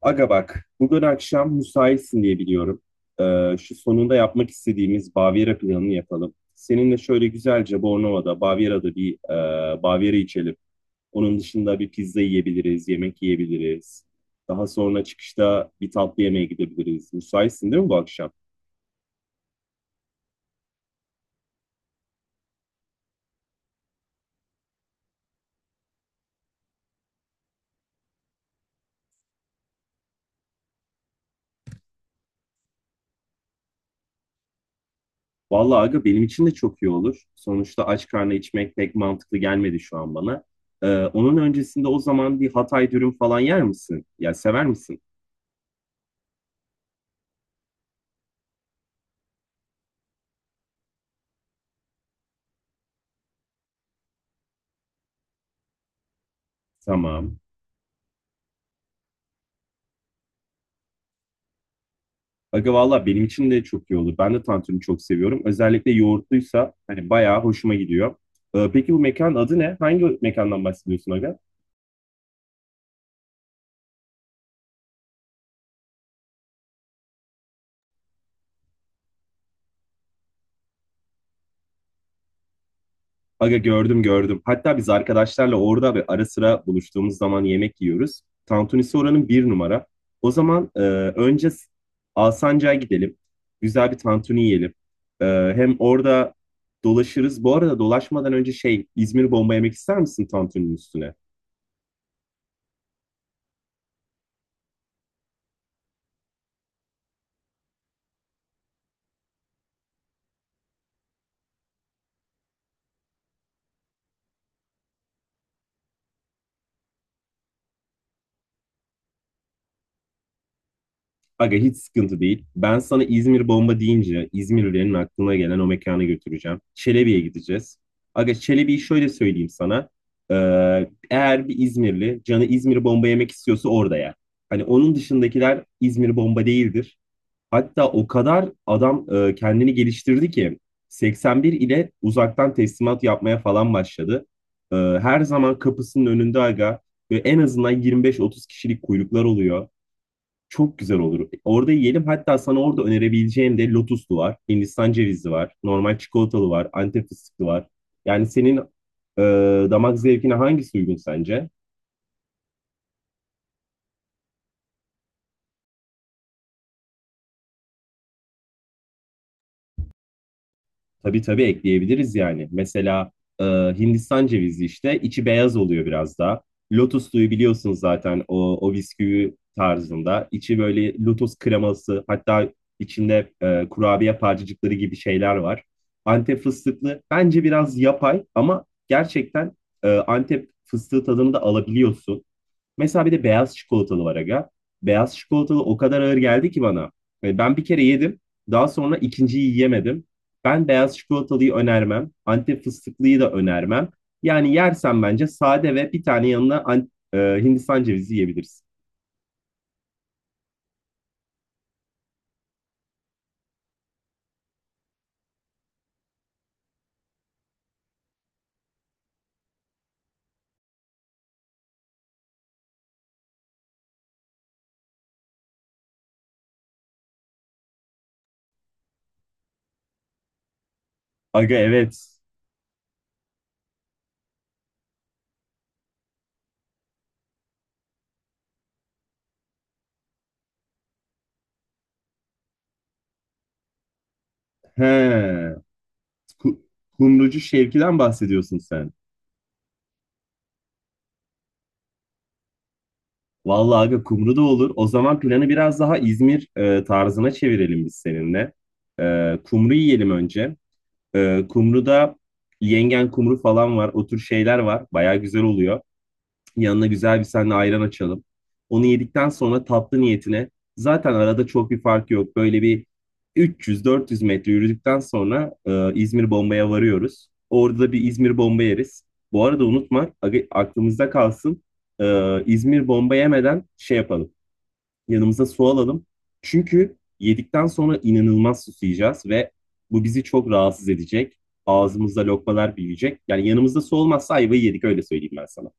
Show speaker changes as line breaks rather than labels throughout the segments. Aga bak, bugün akşam müsaitsin diye biliyorum. Şu Sonunda yapmak istediğimiz Bavyera planını yapalım. Seninle şöyle güzelce Bornova'da, Bavyera'da bir Bavyera içelim. Onun dışında bir pizza yiyebiliriz, yemek yiyebiliriz. Daha sonra çıkışta bir tatlı yemeğe gidebiliriz. Müsaitsin değil mi bu akşam? Vallahi aga benim için de çok iyi olur. Sonuçta aç karnına içmek pek mantıklı gelmedi şu an bana. Onun öncesinde o zaman bir Hatay dürüm falan yer misin? Ya sever misin? Tamam. Aga valla benim için de çok iyi olur. Ben de tantuni çok seviyorum. Özellikle yoğurtluysa hani bayağı hoşuma gidiyor. Peki bu mekanın adı ne? Hangi mekandan bahsediyorsun Aga? Aga gördüm, gördüm. Hatta biz arkadaşlarla orada ve ara sıra buluştuğumuz zaman yemek yiyoruz. Tantunisi oranın bir numara. O zaman önce Alsancak'a gidelim. Güzel bir tantuni yiyelim. Ee, Hem orada dolaşırız. Bu arada dolaşmadan önce şey, İzmir bomba yemek ister misin tantuninin üstüne? Aga hiç sıkıntı değil. Ben sana İzmir bomba deyince İzmirlilerin aklına gelen o mekana götüreceğim. Çelebi'ye gideceğiz. Aga Çelebi'yi şöyle söyleyeyim sana. Ee, Eğer bir İzmirli canı İzmir bomba yemek istiyorsa orada yer. Hani onun dışındakiler İzmir bomba değildir. Hatta o kadar adam kendini geliştirdi ki 81 ile uzaktan teslimat yapmaya falan başladı. Her zaman kapısının önünde aga ve en azından 25-30 kişilik kuyruklar oluyor. Çok güzel olur. Orada yiyelim. Hatta sana orada önerebileceğim de lotuslu var, Hindistan cevizli var, normal çikolatalı var, Antep fıstıklı var. Yani senin e, damak zevkine hangisi uygun sence? Tabii, tabii, ekleyebiliriz yani. Mesela e, Hindistan cevizi işte içi beyaz oluyor biraz daha. Lotus suyu biliyorsunuz zaten o, o bisküvi tarzında. İçi böyle lotus kreması, hatta içinde kurabiye parçacıkları gibi şeyler var. Antep fıstıklı bence biraz yapay ama gerçekten Antep fıstığı tadını da alabiliyorsun. Mesela bir de beyaz çikolatalı var aga. Beyaz çikolatalı o kadar ağır geldi ki bana. Yani ben bir kere yedim. Daha sonra ikinciyi yiyemedim. Ben beyaz çikolatalıyı önermem. Antep fıstıklıyı da önermem. Yani yersen bence sade ve bir tane yanına Hindistan cevizi yiyebilirsin. Aga evet. He. Ku- Kumrucu Şevki'den bahsediyorsun sen. Vallahi aga kumru da olur. O zaman planı biraz daha İzmir tarzına çevirelim biz seninle. E, kumru yiyelim önce. Kumruda yengen kumru falan var. O tür şeyler var. Baya güzel oluyor. Yanına güzel bir seninle ayran açalım. Onu yedikten sonra tatlı niyetine zaten arada çok bir fark yok. Böyle bir 300-400 metre yürüdükten sonra İzmir Bomba'ya varıyoruz. Orada da bir İzmir Bomba yeriz. Bu arada unutma aklımızda kalsın. İzmir Bomba yemeden şey yapalım. Yanımıza su alalım. Çünkü yedikten sonra inanılmaz susayacağız ve bu bizi çok rahatsız edecek. Ağzımızda lokmalar büyüyecek. Yani yanımızda su olmazsa ayvayı yedik, öyle söyleyeyim ben sana.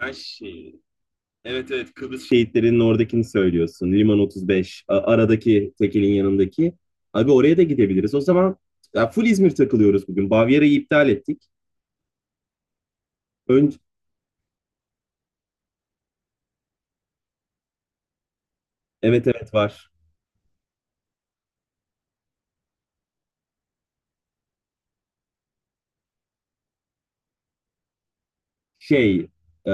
Sen şey, evet, evet, Kıbrıs şehitlerinin oradakini söylüyorsun. Liman 35, aradaki tekelin yanındaki. Abi oraya da gidebiliriz. O zaman ya full İzmir takılıyoruz bugün. Bavyera'yı iptal ettik. Ön, evet, evet, var. Şey, e,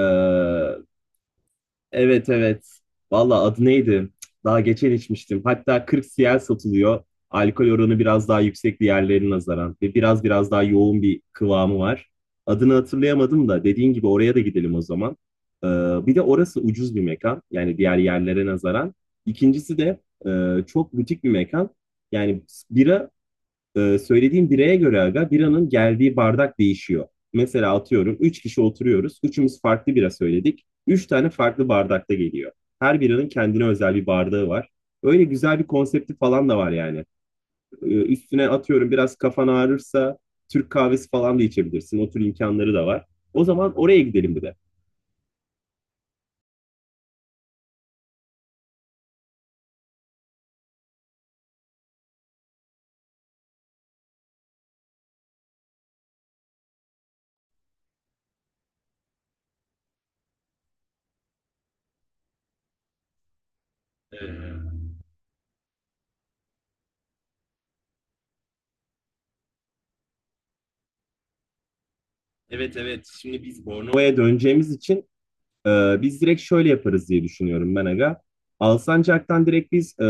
Evet, evet. Valla adı neydi? Daha geçen içmiştim. Hatta 40 CL satılıyor. Alkol oranı biraz daha yüksek diğerlerine nazaran ve biraz daha yoğun bir kıvamı var. Adını hatırlayamadım da dediğin gibi oraya da gidelim o zaman. Ee, Bir de orası ucuz bir mekan. Yani diğer yerlere nazaran. İkincisi de çok butik bir mekan. Yani bira söylediğim bireye göre aga biranın geldiği bardak değişiyor. Mesela atıyorum 3 kişi oturuyoruz. Üçümüz farklı bira söyledik. Üç tane farklı bardakta geliyor. Her biranın kendine özel bir bardağı var. Öyle güzel bir konsepti falan da var yani. Üstüne atıyorum biraz kafan ağrırsa Türk kahvesi falan da içebilirsin. O tür imkanları da var. O zaman oraya gidelim bir de. Ee, evet, evet. Şimdi biz Bornova'ya döneceğimiz için biz direkt şöyle yaparız diye düşünüyorum ben aga. Alsancak'tan direkt biz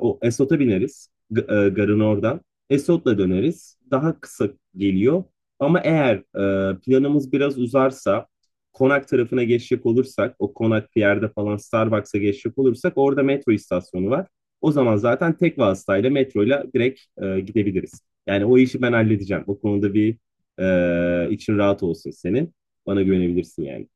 o Esot'a bineriz. Garın oradan. Esot'la döneriz. Daha kısa geliyor. Ama eğer planımız biraz uzarsa, Konak tarafına geçecek olursak, o Konak yerde falan Starbucks'a geçecek olursak orada metro istasyonu var. O zaman zaten tek vasıtayla metroyla direkt gidebiliriz. Yani o işi ben halledeceğim. O konuda bir için rahat olsun senin. Bana güvenebilirsin yani.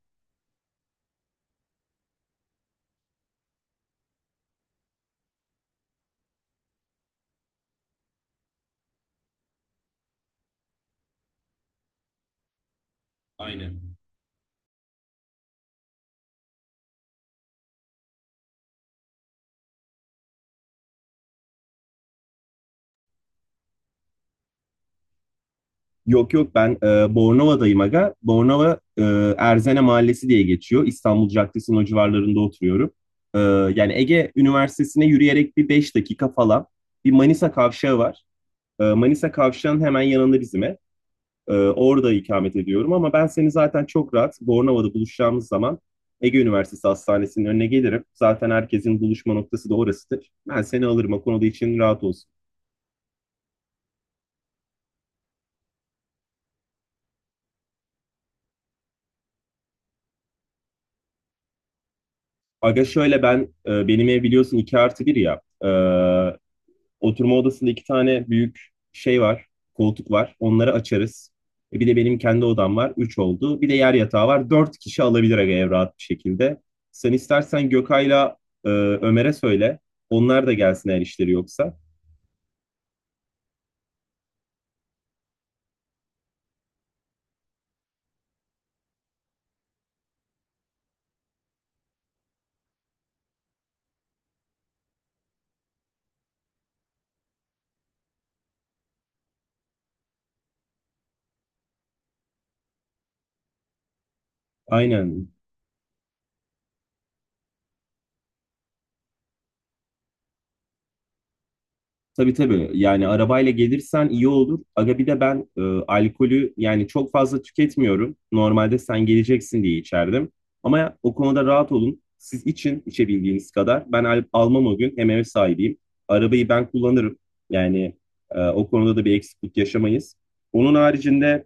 Aynen. Yok, yok, ben Bornova'dayım aga. Erzene Mahallesi diye geçiyor. İstanbul Caddesi'nin o civarlarında oturuyorum. E, yani Ege Üniversitesi'ne yürüyerek bir 5 dakika falan bir Manisa Kavşağı var. E, Manisa Kavşağı'nın hemen yanında bizim ev. Orada ikamet ediyorum ama ben seni zaten çok rahat Bornova'da buluşacağımız zaman Ege Üniversitesi Hastanesi'nin önüne gelirim. Zaten herkesin buluşma noktası da orasıdır. Ben seni alırım, o konuda için rahat olsun. Aga şöyle, ben benim ev biliyorsun 2 artı bir ya. E, oturma odasında iki tane büyük şey var, koltuk var. Onları açarız. E, bir de benim kendi odam var. Üç oldu. Bir de yer yatağı var. Dört kişi alabilir aga ev rahat bir şekilde. Sen istersen Gökay'la Ömer'e söyle. Onlar da gelsin eğer işleri yoksa. Aynen. Tabii, tabii. Yani arabayla gelirsen iyi olur. Aga bir de ben alkolü yani çok fazla tüketmiyorum. Normalde sen geleceksin diye içerdim. Ama o konuda rahat olun. Siz için içebildiğiniz kadar. Ben almam o gün. Hem ev sahibiyim. Arabayı ben kullanırım. Yani o konuda da bir eksiklik yaşamayız. Onun haricinde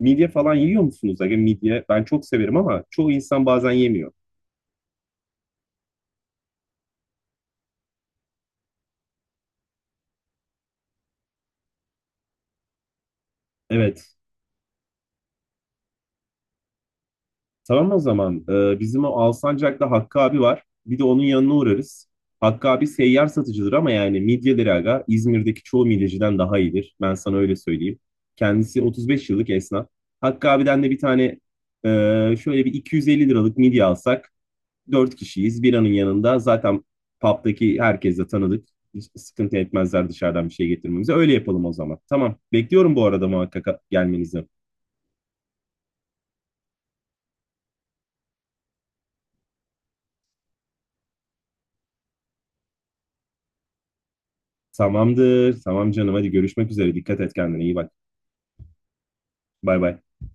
midye falan yiyor musunuz? Aga midye ben çok severim ama çoğu insan bazen yemiyor. Evet. Tamam o zaman. Bizim o Alsancak'ta Hakkı abi var. Bir de onun yanına uğrarız. Hakkı abi seyyar satıcıdır ama yani midyeleri aga İzmir'deki çoğu midyeciden daha iyidir. Ben sana öyle söyleyeyim. Kendisi 35 yıllık esnaf. Hakkı abiden de bir tane e, şöyle bir 250 liralık midye alsak, 4 kişiyiz. Biranın yanında zaten pub'daki herkes de tanıdık. Hiç sıkıntı etmezler dışarıdan bir şey getirmemize. Öyle yapalım o zaman. Tamam. Bekliyorum bu arada muhakkak gelmenizi. Tamamdır. Tamam canım. Hadi görüşmek üzere. Dikkat et kendine. İyi bak. Bay bay.